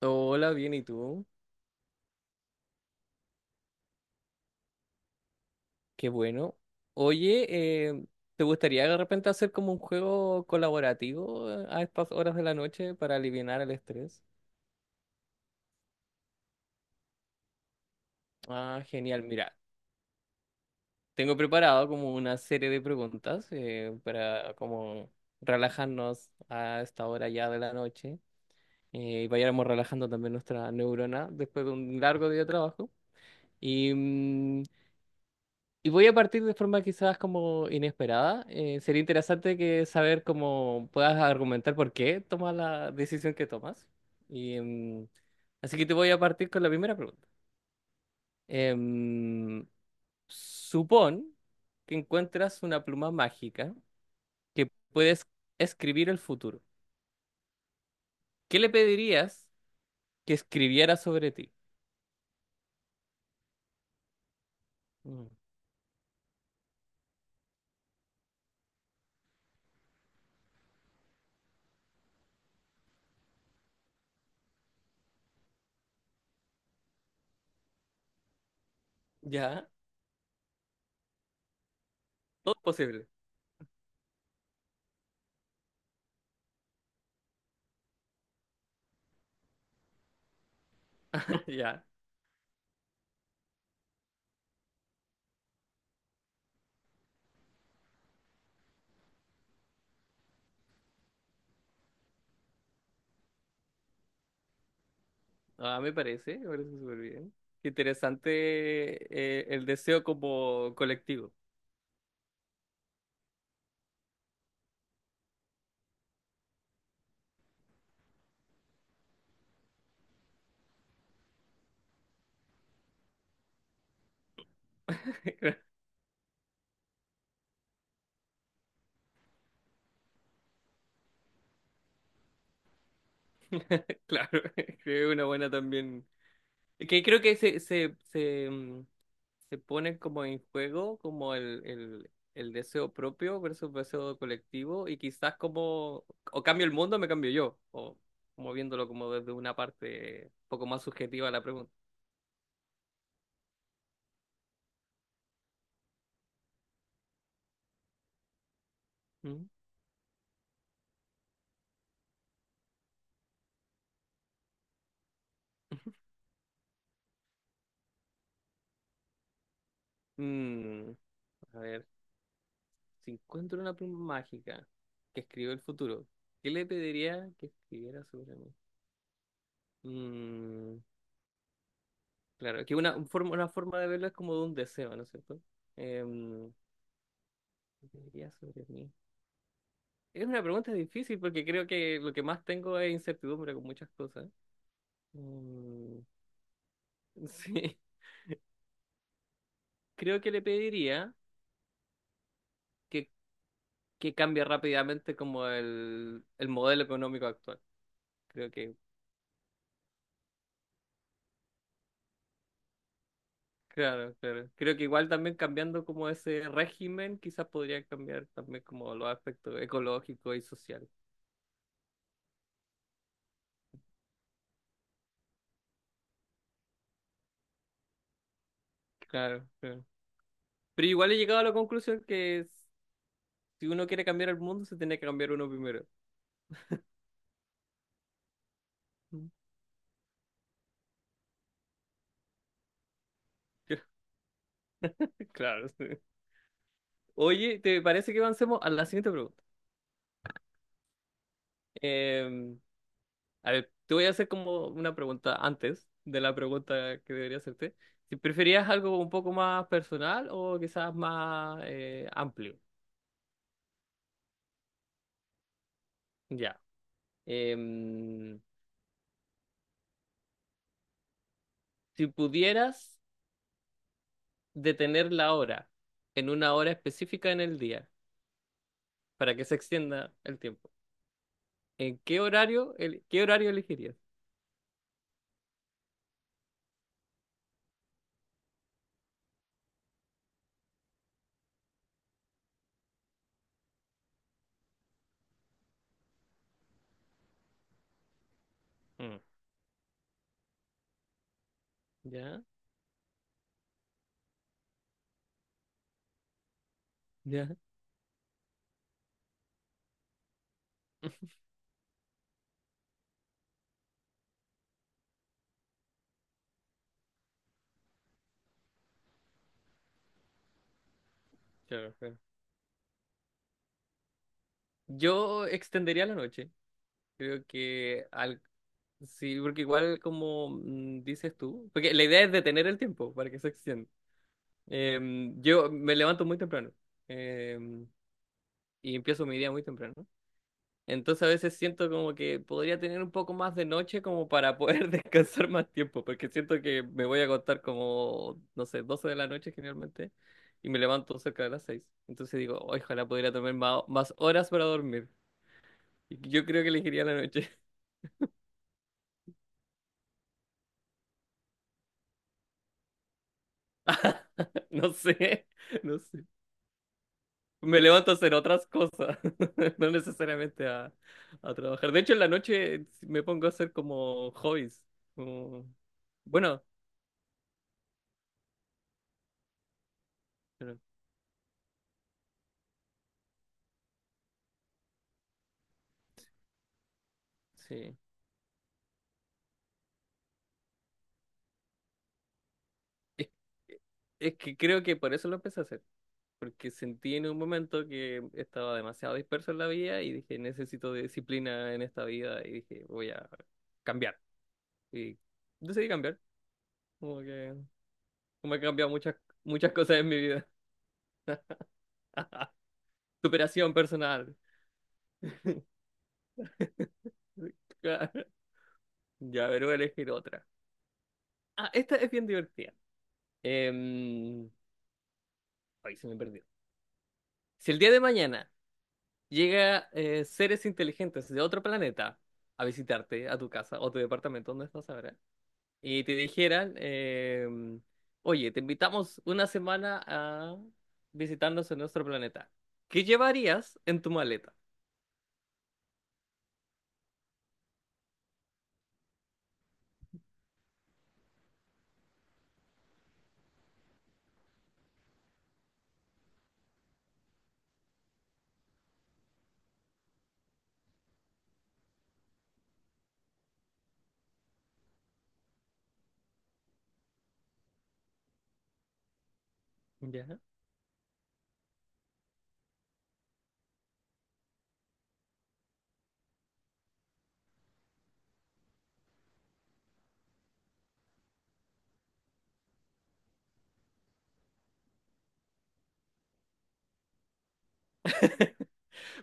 Hola, bien, ¿y tú? Qué bueno. Oye, eh, ¿te gustaría de repente hacer como un juego colaborativo a estas horas de la noche para aliviar el estrés? Ah, genial. Mira, tengo preparado como una serie de preguntas para como relajarnos a esta hora ya de la noche y vayamos relajando también nuestra neurona después de un largo día de trabajo. y mm, Y voy a partir de forma quizás como inesperada. Sería interesante que saber cómo puedas argumentar por qué tomas la decisión que tomas. Y, em, Así que te voy a partir con la primera pregunta. Em, Supón que encuentras una pluma mágica que puedes escribir el futuro. ¿Qué le pedirías que escribiera sobre ti? Mm. Ya, todo es posible. Ya. Ah, me parece súper bien. Qué interesante, el deseo como colectivo. Claro, creo que es una buena también. Que creo que se pone como en juego como el deseo propio versus el deseo colectivo y quizás como o cambio el mundo o me cambio yo, o como viéndolo como desde una parte un poco más subjetiva la pregunta. Ujú. Mm, a ver. Si encuentro una pluma mágica que escribió el futuro, ¿qué le pediría que escribiera sobre mí? Mm, claro, que una forma de verlo es como de un deseo, ¿no es cierto? Em, ¿Qué pediría sobre mí? Es una pregunta difícil porque creo que lo que más tengo es incertidumbre con muchas cosas. Mm, sí, creo que le pediría que, que cambie rápidamente como el modelo económico actual. Creo que. Claro, claro. Creo que igual también cambiando como ese régimen, quizás podría cambiar también como los aspectos ecológicos y sociales. Claro, claro. Pero igual he llegado a la conclusión que si uno quiere cambiar el mundo, se tiene que cambiar uno primero. Mm. Claro, sí. Oye, ¿te parece que avancemos a la siguiente pregunta? Eh, a ver, te voy a hacer como una pregunta antes de la pregunta que debería hacerte. Si preferías algo un poco más personal o quizás más amplio. Ya. Em, Si pudieras detener la hora en una hora específica en el día para que se extienda el tiempo, ¿en qué horario, qué horario elegirías? Mm. ¿Ya? ¿Ya? Claro, claro. Yo extendería la noche. Creo que al... Sí, porque igual como dices tú, porque la idea es detener el tiempo para que se extienda. Yo me levanto muy temprano em, y empiezo mi día muy temprano. Entonces a veces siento como que podría tener un poco más de noche como para poder descansar más tiempo, porque siento que me voy a acostar como, no sé, 12 de la noche generalmente, y me levanto cerca de las 6. Entonces digo, "Ay, ojalá pudiera tomar más horas para dormir". Y yo creo que elegiría la noche. No sé, no sé. Me levanto a hacer otras cosas, no necesariamente a trabajar. De hecho, en la noche me pongo a hacer como hobbies. como- Bueno, pero- sí. Es, es que creo que por eso lo empecé a hacer, porque sentí en un momento que estaba demasiado disperso en la vida y dije, necesito de disciplina en esta vida y dije, voy a cambiar. Y decidí cambiar, como que como he cambiado muchas, muchas cosas en mi vida. Superación personal. Claro. Ya, pero voy a elegir otra. Ah, esta es bien divertida. Em, Ay, se me perdió. Si el día de mañana llega, seres inteligentes de otro planeta a visitarte a tu casa o tu departamento donde estás ahora y te dijeran, oye, te invitamos una semana a visitarnos en nuestro planeta. ¿Qué llevarías en tu maleta? Ya.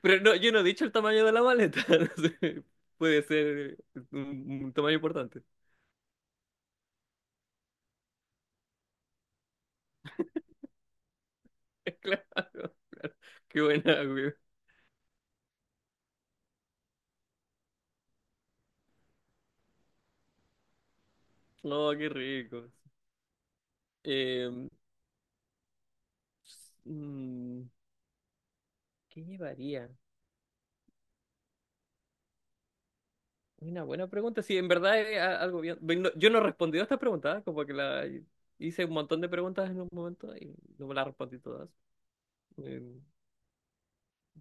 Pero no, yo no he dicho el tamaño de la maleta. No sé, puede ser un tamaño importante. Claro, claro. Qué buena, güey. Oh, qué rico. Eh, mm, ¿Qué llevaría? Una buena pregunta. Sí, en verdad es algo bien. Yo no he respondido a estas preguntas, ¿eh? Como que la hice un montón de preguntas en un momento y no me las respondí todas. Em,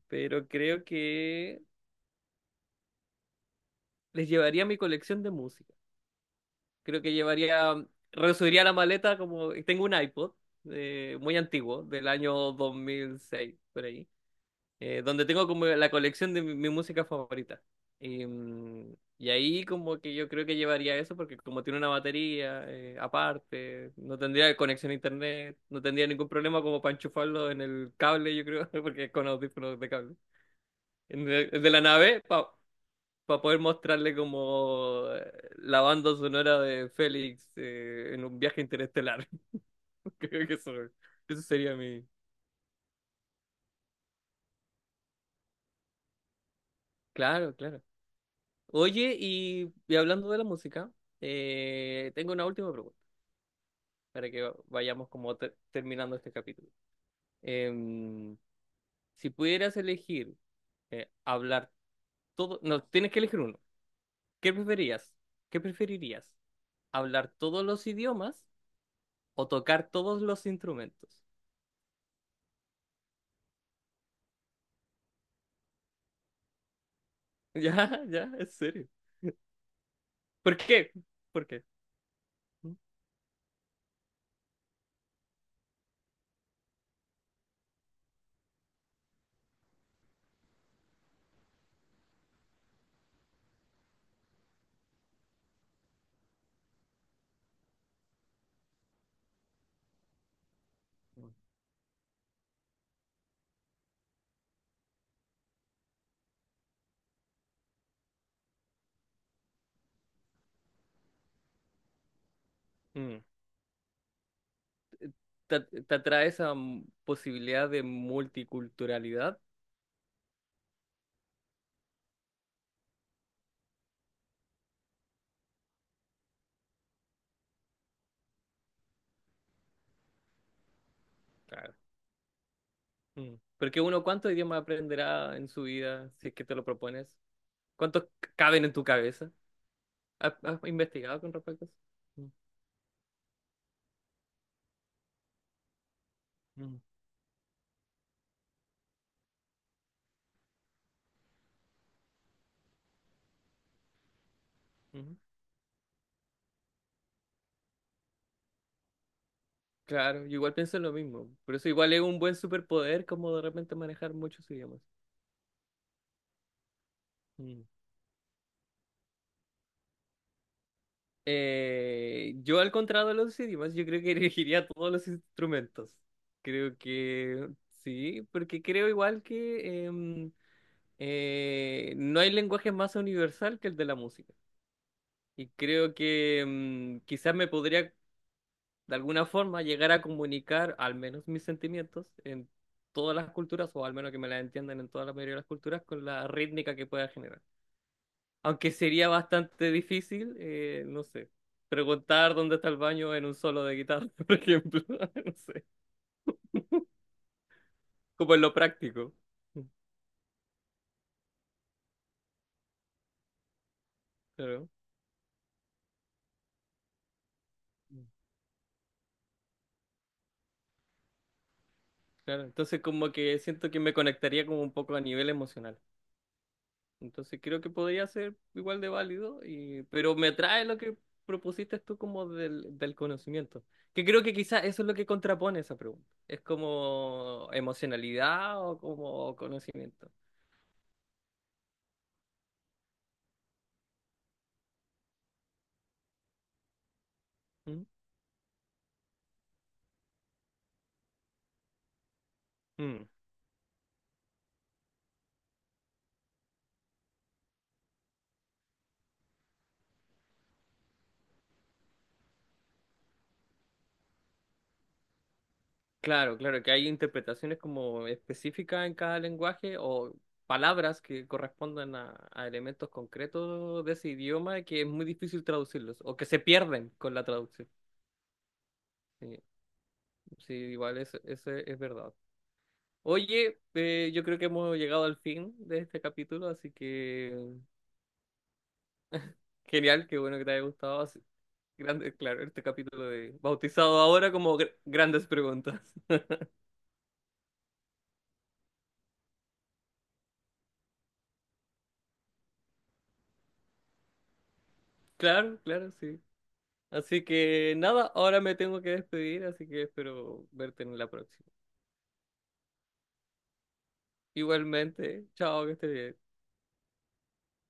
pero creo que les llevaría mi colección de música. Creo que llevaría, resubiría la maleta como tengo un iPod, muy antiguo, del año 2006 por ahí, donde tengo como la colección de mi música favorita. Y ahí como que yo creo que llevaría eso porque como tiene una batería aparte, no tendría conexión a internet, no tendría ningún problema como para enchufarlo en el cable, yo creo, porque es con audífonos de cable. En el de la nave, para poder mostrarle como, la banda sonora de Félix, en un viaje interestelar. Creo que eso sería mi... Claro, claro. Oye, y hablando de la música, tengo una última pregunta para que vayamos como terminando este capítulo. Em, si pudieras elegir, hablar todo, no, tienes que elegir uno. ¿Qué preferías? ¿Qué preferirías? ¿Hablar todos los idiomas o tocar todos los instrumentos? Ya, ya, en serio. ¿Por qué? ¿Por qué? Mm. ¿Te atrae esa posibilidad de multiculturalidad? Claro. Mm. Porque uno, ¿cuántos idiomas aprenderá en su vida si es que te lo propones? ¿Cuántos caben en tu cabeza? ¿Has investigado con respecto a eso? Mm, mm, ujú. Claro, yo igual pienso lo mismo. Por eso igual es un buen superpoder como de repente manejar muchos idiomas. Mm. Yo al contrario de los idiomas, yo creo que elegiría todos los instrumentos. Creo que sí, porque creo igual que no hay lenguaje más universal que el de la música. Y creo que quizás me podría de alguna forma llegar a comunicar al menos mis sentimientos en todas las culturas, o al menos que me las entiendan en toda la mayoría de las culturas, con la rítmica que pueda generar. Aunque sería bastante difícil, no sé, preguntar dónde está el baño en un solo de guitarra, por ejemplo, no sé, como en lo práctico. Mm, claro, mm, claro. Entonces como que siento que me conectaría como un poco a nivel emocional. Entonces creo que podría ser igual de válido, pero me atrae lo que propusiste tú como del conocimiento, que creo que quizás eso es lo que contrapone esa pregunta. Es como emocionalidad o como conocimiento. ¿Mm? Mm. Claro, claro, que hay interpretaciones como específicas en cada lenguaje o palabras que correspondan a elementos concretos de ese idioma que es muy difícil traducirlos o que se pierden con la traducción. Sí, sí, igual eso es verdad. Oye, yo creo que hemos llegado al fin de este capítulo, así que genial, qué bueno que te haya gustado. Grande, claro, este capítulo de bautizado ahora como grandes preguntas. Claro, claro, sí. Así que nada, ahora me tengo que despedir, así que espero verte en la próxima. Igualmente, chao, que estés bien.